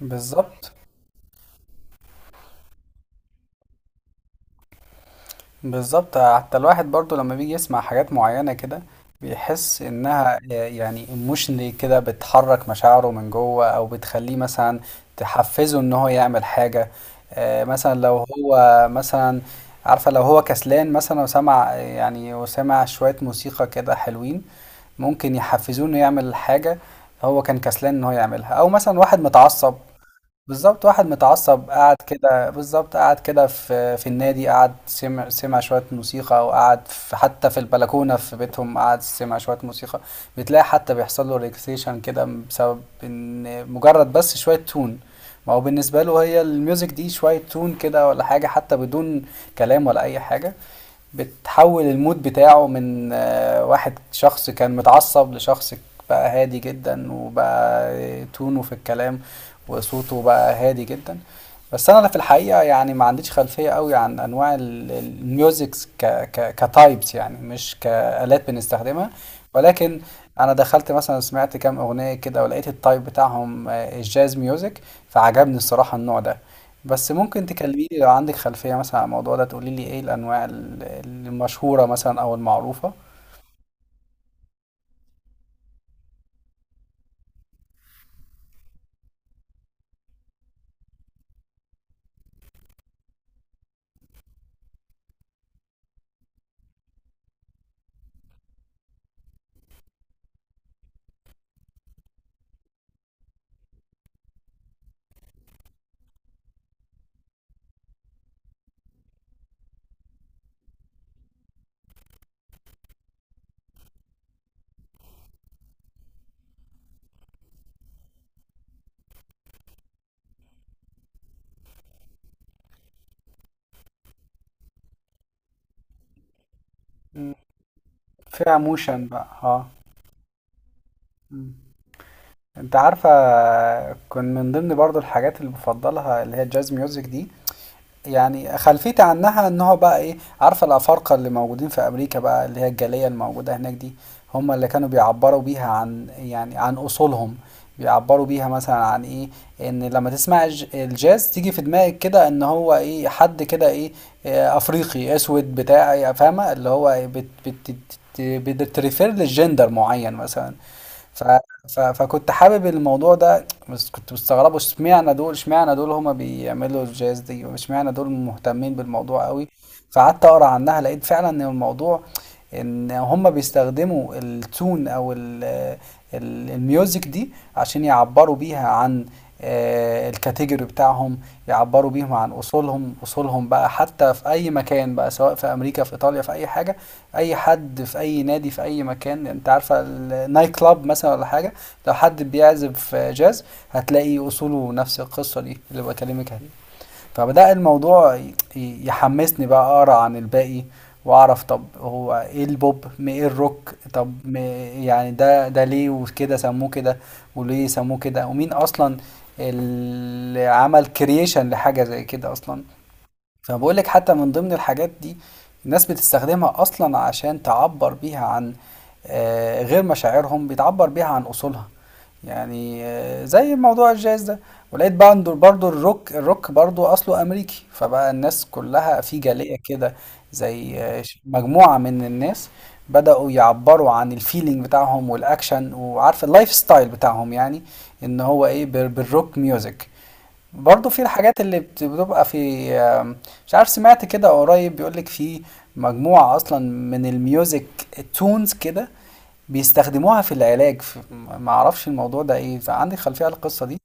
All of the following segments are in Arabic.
بالظبط، بالظبط، حتى الواحد برضو لما بيجي يسمع حاجات معينة كده، بيحس انها يعني ايموشنلي كده بتحرك مشاعره من جوه، او بتخليه مثلا تحفزه ان هو يعمل حاجة. مثلا لو هو مثلا، عارفة، لو هو كسلان مثلا وسمع شوية موسيقى كده حلوين، ممكن يحفزوه انه يعمل حاجة. هو كان كسلان ان هو يعملها، او مثلا واحد متعصب. بالظبط، واحد متعصب قعد كده، بالظبط قعد كده في النادي، قعد سمع شوية موسيقى، أو قعد في حتى في البلكونة في بيتهم، قعد سمع شوية موسيقى. بتلاقي حتى بيحصل له ريلاكسيشن كده، بسبب إن مجرد بس شوية تون. ما هو بالنسبة له هي الميوزك دي شوية تون كده ولا حاجة، حتى بدون كلام ولا أي حاجة. بتحول المود بتاعه من واحد، شخص كان متعصب، لشخص بقى هادي جدا، وبقى تونه في الكلام وصوته بقى هادي جدا. بس انا في الحقيقه يعني ما عنديش خلفيه قوي عن انواع الميوزكس، ك ك كتايبس يعني، مش كالات بنستخدمها. ولكن انا دخلت مثلا سمعت كام اغنيه كده، ولقيت التايب بتاعهم الجاز ميوزك، فعجبني الصراحه النوع ده. بس ممكن تكلميني لو عندك خلفية مثلا عن الموضوع ده، تقولي لي ايه الأنواع المشهورة مثلا أو المعروفة؟ مم. فيها موشن بقى اه. مم. انت عارفة، كان من ضمن برضو الحاجات اللي بفضلها اللي هي الجاز ميوزك دي. يعني خلفيتي عنها ان هو بقى ايه، عارفة، الأفارقة اللي موجودين في أمريكا بقى، اللي هي الجالية الموجودة هناك دي، هم اللي كانوا بيعبروا بيها عن يعني عن أصولهم. بيعبروا بيها مثلا عن ايه، ان لما تسمع الجاز، تيجي في دماغك كده ان هو ايه، حد كده ايه، افريقي اسود بتاع إيه، فاهمه، اللي هو إيه، بت بت بت بتريفير للجندر معين مثلا. ف ف فكنت حابب الموضوع ده، بس كنت مستغربه اشمعنى دول، اشمعنى دول هما بيعملوا الجاز دي، اشمعنى دول مهتمين بالموضوع قوي. فقعدت اقرا عنها، لقيت فعلا ان الموضوع، ان هم بيستخدموا التون او ال ال الميوزك دي عشان يعبروا بيها عن الكاتيجوري بتاعهم. يعبروا بيهم عن اصولهم بقى حتى في اي مكان بقى، سواء في امريكا، في ايطاليا، في اي حاجه. اي حد في اي نادي في اي مكان، انت عارفه النايت كلاب مثلا ولا حاجه، لو حد بيعزف جاز هتلاقي اصوله نفس القصه دي اللي بكلمك عليها. فبدأ الموضوع يحمسني بقى أقرأ عن الباقي، وأعرف طب هو إيه البوب، إيه الروك، طب يعني ده ليه وكده سموه كده، وليه سموه كده، ومين أصلا اللي عمل كرييشن لحاجة زي كده أصلا. فبقول لك حتى من ضمن الحاجات دي، الناس بتستخدمها اصلا عشان تعبر بيها عن غير مشاعرهم، بتعبر بيها عن اصولها، يعني زي موضوع الجاز ده. ولقيت برضه، الروك برضه اصله امريكي، فبقى الناس كلها في جالية كده، زي مجموعة من الناس بدأوا يعبروا عن الفيلينج بتاعهم والاكشن، وعارف اللايف ستايل بتاعهم يعني، ان هو ايه بالروك ميوزك. برضه في الحاجات اللي بتبقى في مش عارف، سمعت كده قريب بيقولك في مجموعة أصلا من الميوزك تونز كده بيستخدموها في العلاج. في، ما أعرفش الموضوع ده إيه، عندي خلفية عن القصة دي.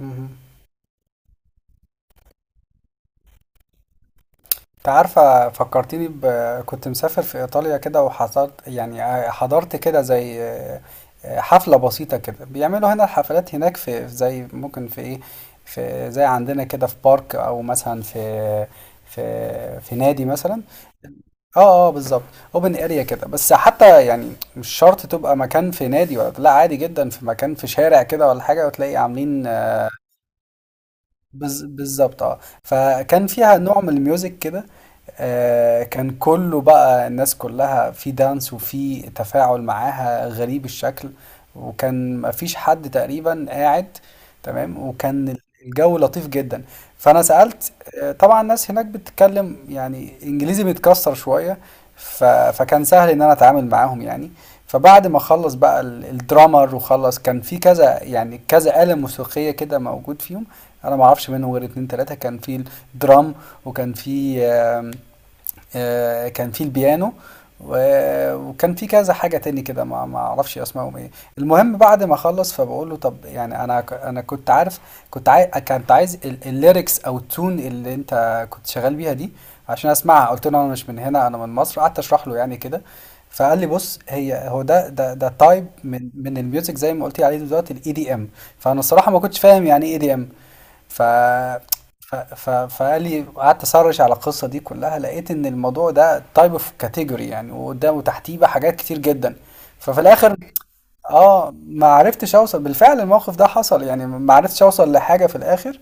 مهم. أنت عارفة، فكرتيني كنت مسافر في إيطاليا كده وحضرت يعني، حضرت كده زي حفلة بسيطة كده، بيعملوا هنا الحفلات هناك، في زي ممكن في إيه، في زي عندنا كده في بارك، أو مثلا في في نادي مثلا. اه. اه بالظبط. اوبن اريا كده، بس حتى يعني مش شرط تبقى مكان في نادي ولا لا، عادي جدا في مكان في شارع كده ولا حاجه، وتلاقي عاملين بالظبط اه، فكان فيها نوع من الميوزك كده. كان كله بقى الناس كلها في دانس وفي تفاعل معاها غريب الشكل، وكان مفيش حد تقريبا قاعد. تمام، وكان الجو لطيف جدا. فانا سألت، طبعا الناس هناك بتتكلم يعني انجليزي بيتكسر شوية، فكان سهل ان انا اتعامل معاهم يعني. فبعد ما خلص بقى الدرامر وخلص، كان في كذا آلة موسيقية كده موجود فيهم، انا ما اعرفش منهم غير اتنين تلاتة. كان في الدرام، وكان في كان في البيانو، وكان في كذا حاجة تاني كده، ما اعرفش اسمائهم ايه. المهم بعد ما خلص، فبقول له طب يعني انا انا كنت عارف، كنت عايز الليركس او التون اللي انت كنت شغال بيها دي عشان اسمعها. قلت له انا مش من هنا، انا من مصر، قعدت اشرح له يعني كده. فقال لي بص، هي هو ده تايب من الميوزك، زي ما قلت عليه دلوقتي، الـEDM. فانا الصراحة ما كنتش فاهم يعني ايه EDM. ف فقال لي، قعدت اسرش على القصه دي كلها، لقيت ان الموضوع ده تايب اوف كاتيجوري يعني، وقدام وتحتيه بقى حاجات كتير جدا. ففي الاخر، اه، ما عرفتش اوصل. بالفعل الموقف ده حصل يعني، ما عرفتش اوصل لحاجه في الاخر.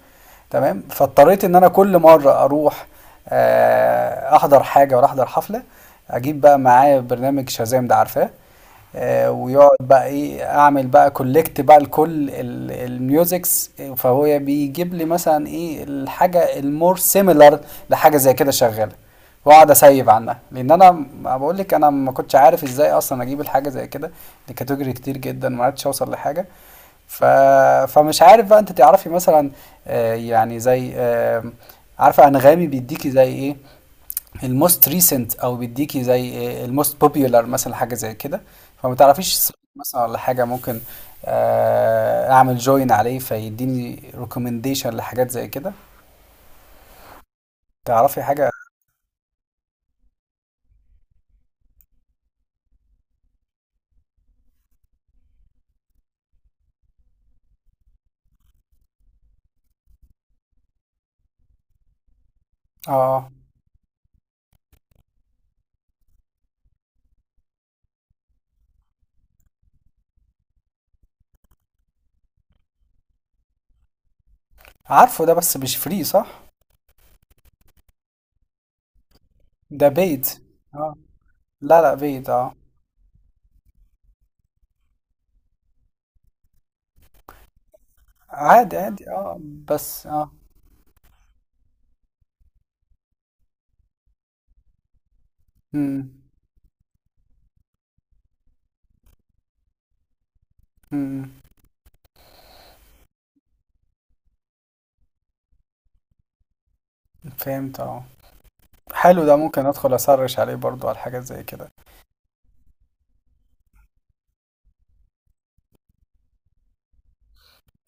تمام، فاضطريت ان انا كل مره اروح احضر حاجه، ولا احضر حفله، اجيب بقى معايا برنامج شازام ده، عارفاه؟ ويقعد بقى ايه اعمل بقى كولكت بقى لكل الميوزكس. فهو بيجيب لي مثلا ايه الحاجه المور سيميلر لحاجه زي كده شغاله، واقعد اسيب عنها، لان انا، ما بقول لك، انا ما كنتش عارف ازاي اصلا اجيب الحاجه زي كده. دي كاتيجوري كتير جدا، ما عرفتش اوصل لحاجه. ف... فمش عارف بقى انت تعرفي مثلا يعني زي عارفه انغامي بيديكي زي ايه الموست ريسنت، او بيديكي زي إيه الموست بوبيولار مثلا، حاجه زي كده. فما تعرفيش السايت مثلا ولا حاجه، ممكن اعمل جوين عليه فيديني ريكومنديشن لحاجات زي كده، تعرفي حاجه؟ اه. عارفه ده بس مش فري، صح؟ ده بيت. اه. لا لا، بيت اه. عادي عادي اه. بس اه. امم. امم. فهمت اه. حلو ده، ممكن ادخل اسرش عليه برضو على حاجات زي كده.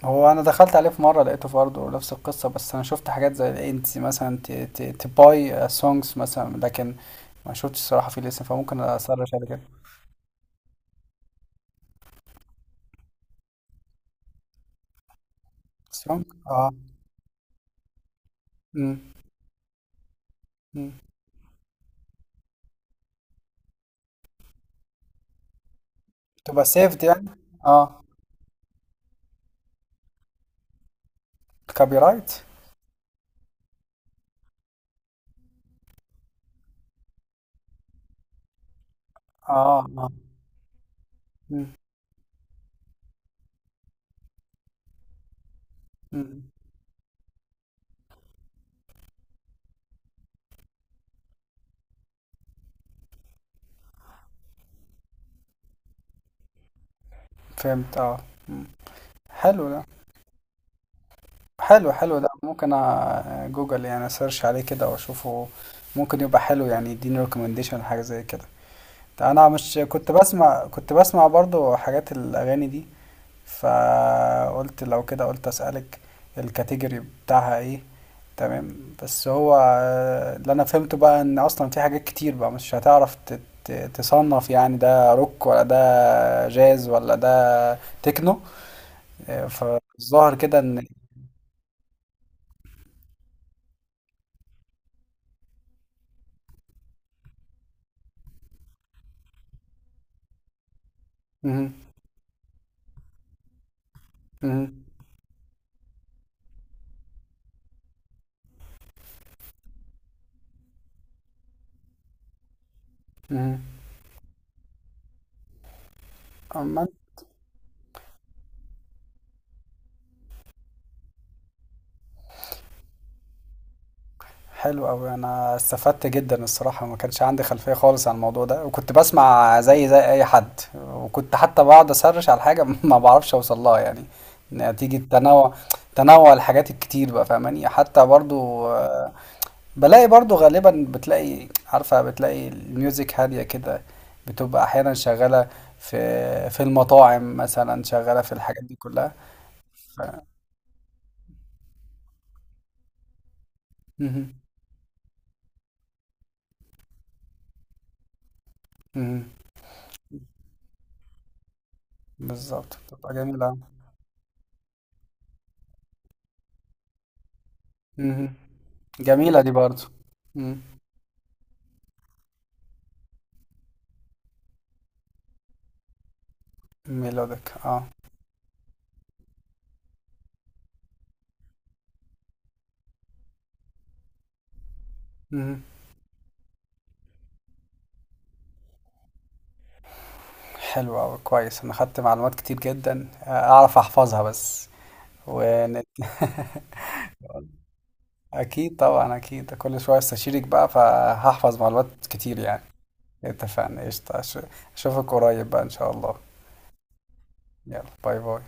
هو انا دخلت عليه في مره، لقيته برضه نفس القصه، بس انا شفت حاجات زي انت مثلا تباي سونجز مثلا، لكن ما شفتش الصراحه فيه لسه، فممكن اسرش عليه كده. سونج اه. امم. امم. تبقى سيفد يعني؟ اه. كوبي رايت. اه. اه. امم. امم. فهمت اه. حلو ده. حلو، حلو ده، ممكن جوجل يعني سيرش عليه كده واشوفه، ممكن يبقى حلو يعني، يديني ريكومنديشن حاجه زي كده. ده انا مش كنت بسمع برضو حاجات الاغاني دي. فقلت لو كده، قلت اسالك الكاتيجوري بتاعها ايه. تمام. بس هو اللي انا فهمته بقى ان اصلا في حاجات كتير بقى مش هتعرف تصنف يعني، ده روك، ولا ده جاز، ولا ده تكنو. فالظاهر كده ان، مهم. مهم. مهم. أما، حلو أوي، أنا استفدت جدا الصراحة. ما كانش عندي خلفية خالص عن الموضوع ده، وكنت بسمع زي زي أي حد، وكنت حتى بقعد أسرش على حاجة ما بعرفش أوصل لها، يعني نتيجة تنوع الحاجات الكتير بقى، فاهماني؟ حتى برضو بلاقي، برضو غالبا بتلاقي، عارفة، بتلاقي الميوزك هادية كده، بتبقى أحيانا شغالة في المطاعم مثلا، شغالة في الحاجات دي كلها. ف... مهم. مهم. بالظبط، بتبقى جميلة. مهم. جميلة دي برضو. مم. ميلودك اه. مهم. حلوة أوي كويس، أنا خدت معلومات كتير جدا، أعرف أحفظها بس. ون... أكيد طبعا. أكيد، كل شوية استشيرك بقى فهحفظ معلومات كتير يعني. اتفقنا. قشطة. أشوفك قريب بقى إن شاء الله. يلا باي باي.